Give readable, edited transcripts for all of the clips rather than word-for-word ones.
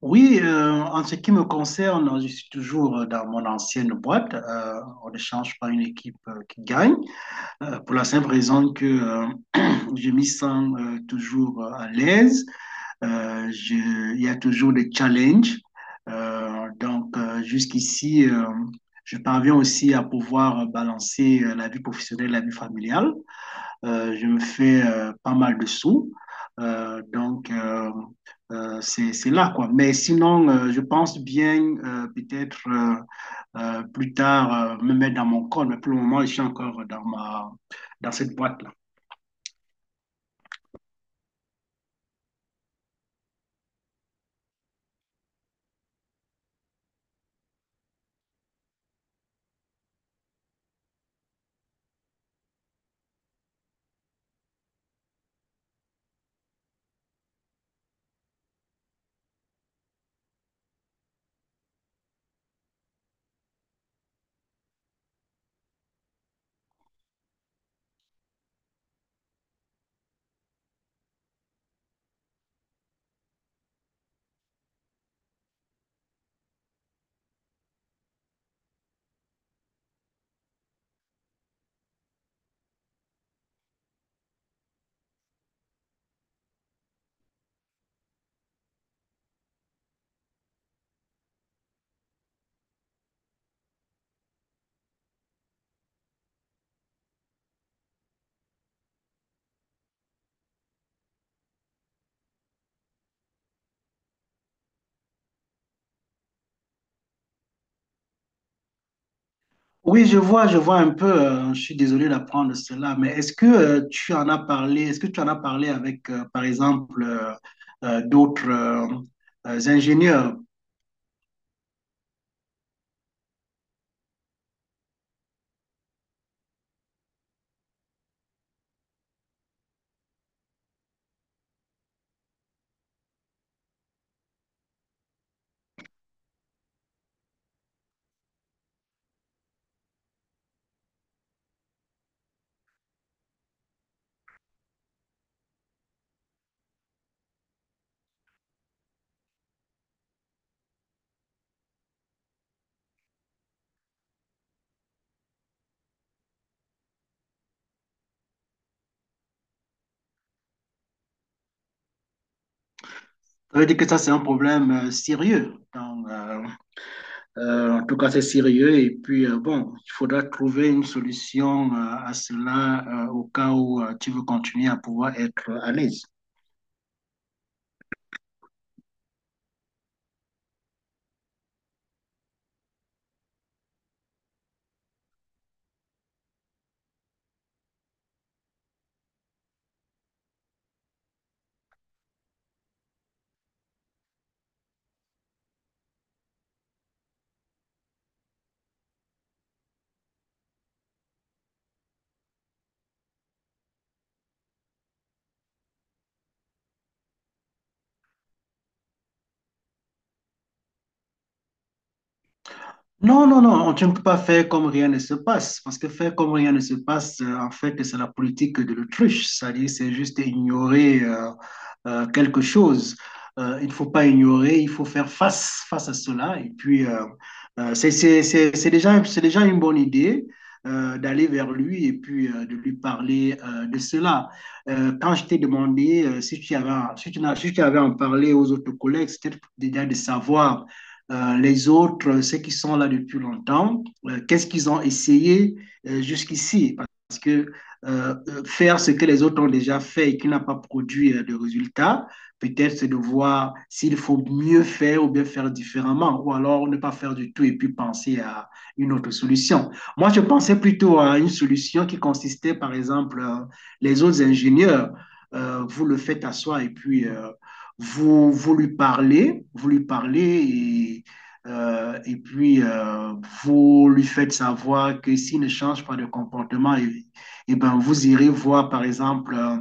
Oui, en ce qui me concerne, je suis toujours dans mon ancienne boîte. On ne change pas une équipe qui gagne, pour la simple raison que je m'y sens toujours à l'aise. Il y a toujours des challenges. Jusqu'ici, je parviens aussi à pouvoir balancer la vie professionnelle et la vie familiale. Je me fais pas mal de sous. Euh, donc, euh, c'est là, quoi. Mais sinon, je pense bien peut-être plus tard me mettre dans mon corps, mais pour le moment, je suis encore dans dans cette boîte-là. Oui, je vois un peu. Je suis désolé d'apprendre cela, mais est-ce que tu en as parlé, est-ce que tu en as parlé avec, par exemple, d'autres ingénieurs? Ça veut dire que ça, c'est un problème sérieux. En tout cas, c'est sérieux. Et puis, bon, il faudra trouver une solution à cela au cas où tu veux continuer à pouvoir être à l'aise. Non, non, non, tu ne peux pas faire comme rien ne se passe, parce que faire comme rien ne se passe, en fait, c'est la politique de l'autruche, c'est-à-dire c'est juste ignorer quelque chose. Il ne faut pas ignorer, il faut faire face, face à cela. Et puis, c'est déjà une bonne idée d'aller vers lui et puis de lui parler de cela. Quand je t'ai demandé si tu avais, si tu avais en parlé aux autres collègues, c'était déjà de savoir les autres, ceux qui sont là depuis longtemps, qu'est-ce qu'ils ont essayé jusqu'ici. Parce que faire ce que les autres ont déjà fait et qui n'a pas produit de résultats, peut-être c'est de voir s'il faut mieux faire ou bien faire différemment, ou alors ne pas faire du tout et puis penser à une autre solution. Moi, je pensais plutôt à une solution qui consistait, par exemple, les autres ingénieurs, vous le faites asseoir et puis vous, vous lui parlez et puis, vous lui faites savoir que s'il ne change pas de comportement, et eh ben, vous irez voir, par exemple, euh,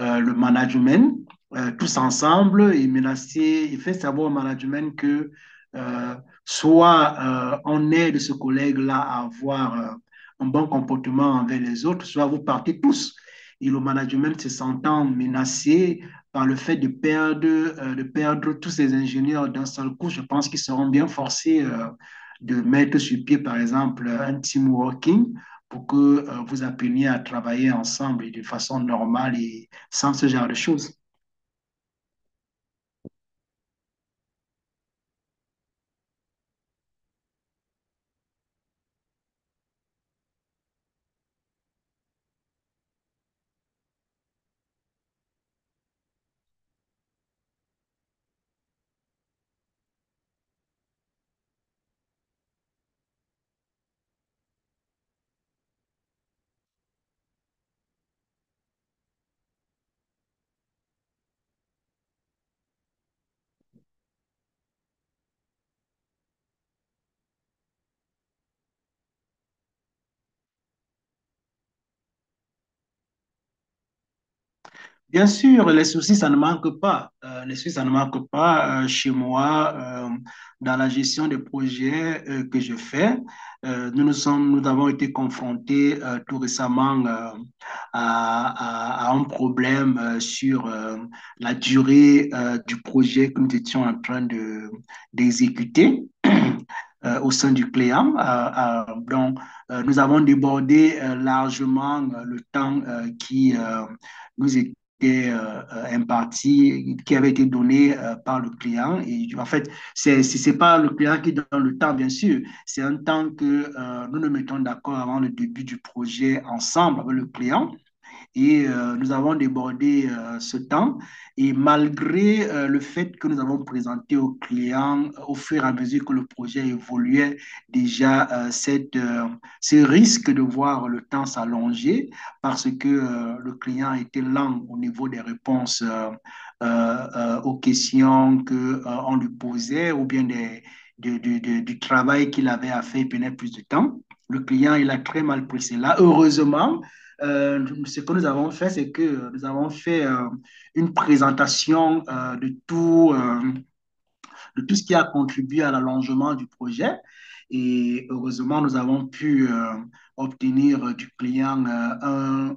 euh, le management tous ensemble et menacer, et faites savoir au management que euh, soit on aide ce collègue-là à avoir un bon comportement envers les autres, soit vous partez tous. Et le management se sentant menacé, par le fait de perdre tous ces ingénieurs d'un seul coup, je pense qu'ils seront bien forcés de mettre sur pied, par exemple, un team working pour que vous appreniez à travailler ensemble et de façon normale et sans ce genre de choses. Bien sûr, les soucis, ça ne manque pas. Les soucis, ça ne manque pas chez moi dans la gestion des projets que je fais. Nous avons été confrontés tout récemment à un problème sur la durée du projet que nous étions en train de d'exécuter. Au sein du client. Donc, Nous avons débordé largement le temps qui nous, est- et imparti, qui avait été donné par le client. Et en fait, c'est pas le client qui donne le temps, bien sûr. C'est un temps que nous nous mettons d'accord avant le début du projet ensemble avec le client et nous avons débordé ce temps. Et malgré le fait que nous avons présenté aux clients au fur et à mesure que le projet évoluait déjà ce risque de voir le temps s'allonger parce que le client était lent au niveau des réponses euh, aux questions que, on lui posait ou bien des, de- du travail qu'il avait à faire, il prenait plus de temps. Le client, il a très mal pris cela. Heureusement, ce que nous avons fait, c'est que nous avons fait une présentation de tout ce qui a contribué à l'allongement du projet. Et heureusement, nous avons pu obtenir du client un, euh,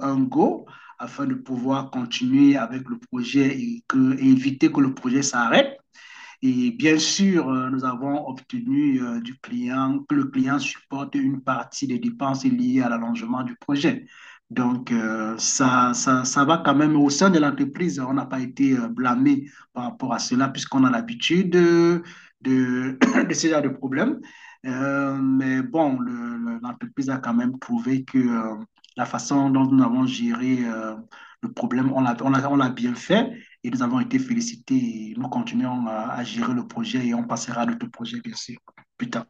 un go afin de pouvoir continuer avec le projet et éviter que le projet s'arrête. Et bien sûr, nous avons obtenu du client que le client supporte une partie des dépenses liées à l'allongement du projet. Donc, ça va quand même au sein de l'entreprise. On n'a pas été blâmé par rapport à cela, puisqu'on a l'habitude de, de ce genre de problème. Mais bon, l'entreprise a quand même prouvé que la façon dont nous avons géré le problème, on l'a bien fait et nous avons été félicités. Nous continuons à gérer le projet et on passera à d'autres projets, bien sûr, plus tard.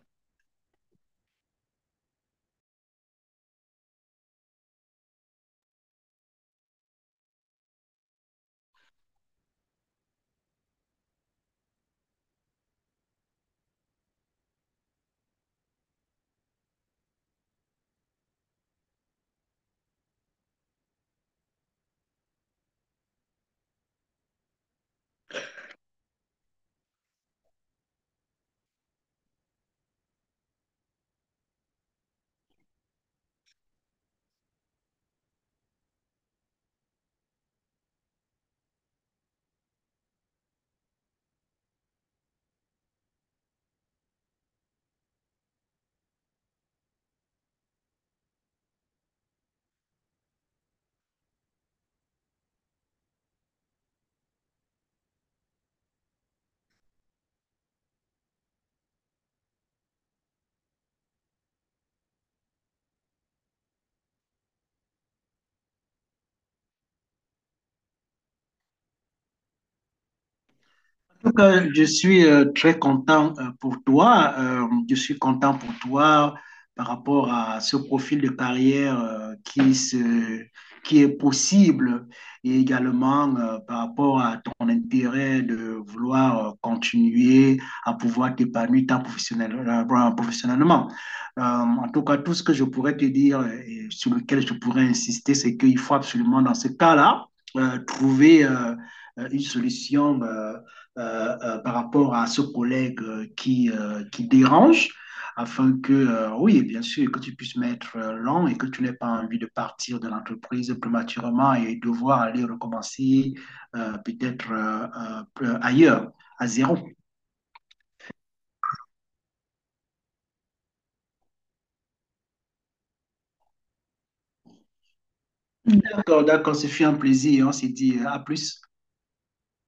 En tout cas, je suis très content pour toi. Je suis content pour toi par rapport à ce profil de carrière qui est possible et également par rapport à ton intérêt de vouloir continuer à pouvoir t'épanouir professionnellement. En tout cas, tout ce que je pourrais te dire et sur lequel je pourrais insister, c'est qu'il faut absolument dans ce cas-là trouver une solution. Par rapport à ce collègue qui dérange afin que, oui, bien sûr, que tu puisses mettre l'an et que tu n'aies pas envie de partir de l'entreprise prématurément et devoir aller recommencer peut-être ailleurs, à zéro. D'accord, d'accord, ce fut un plaisir. On s'est dit à plus.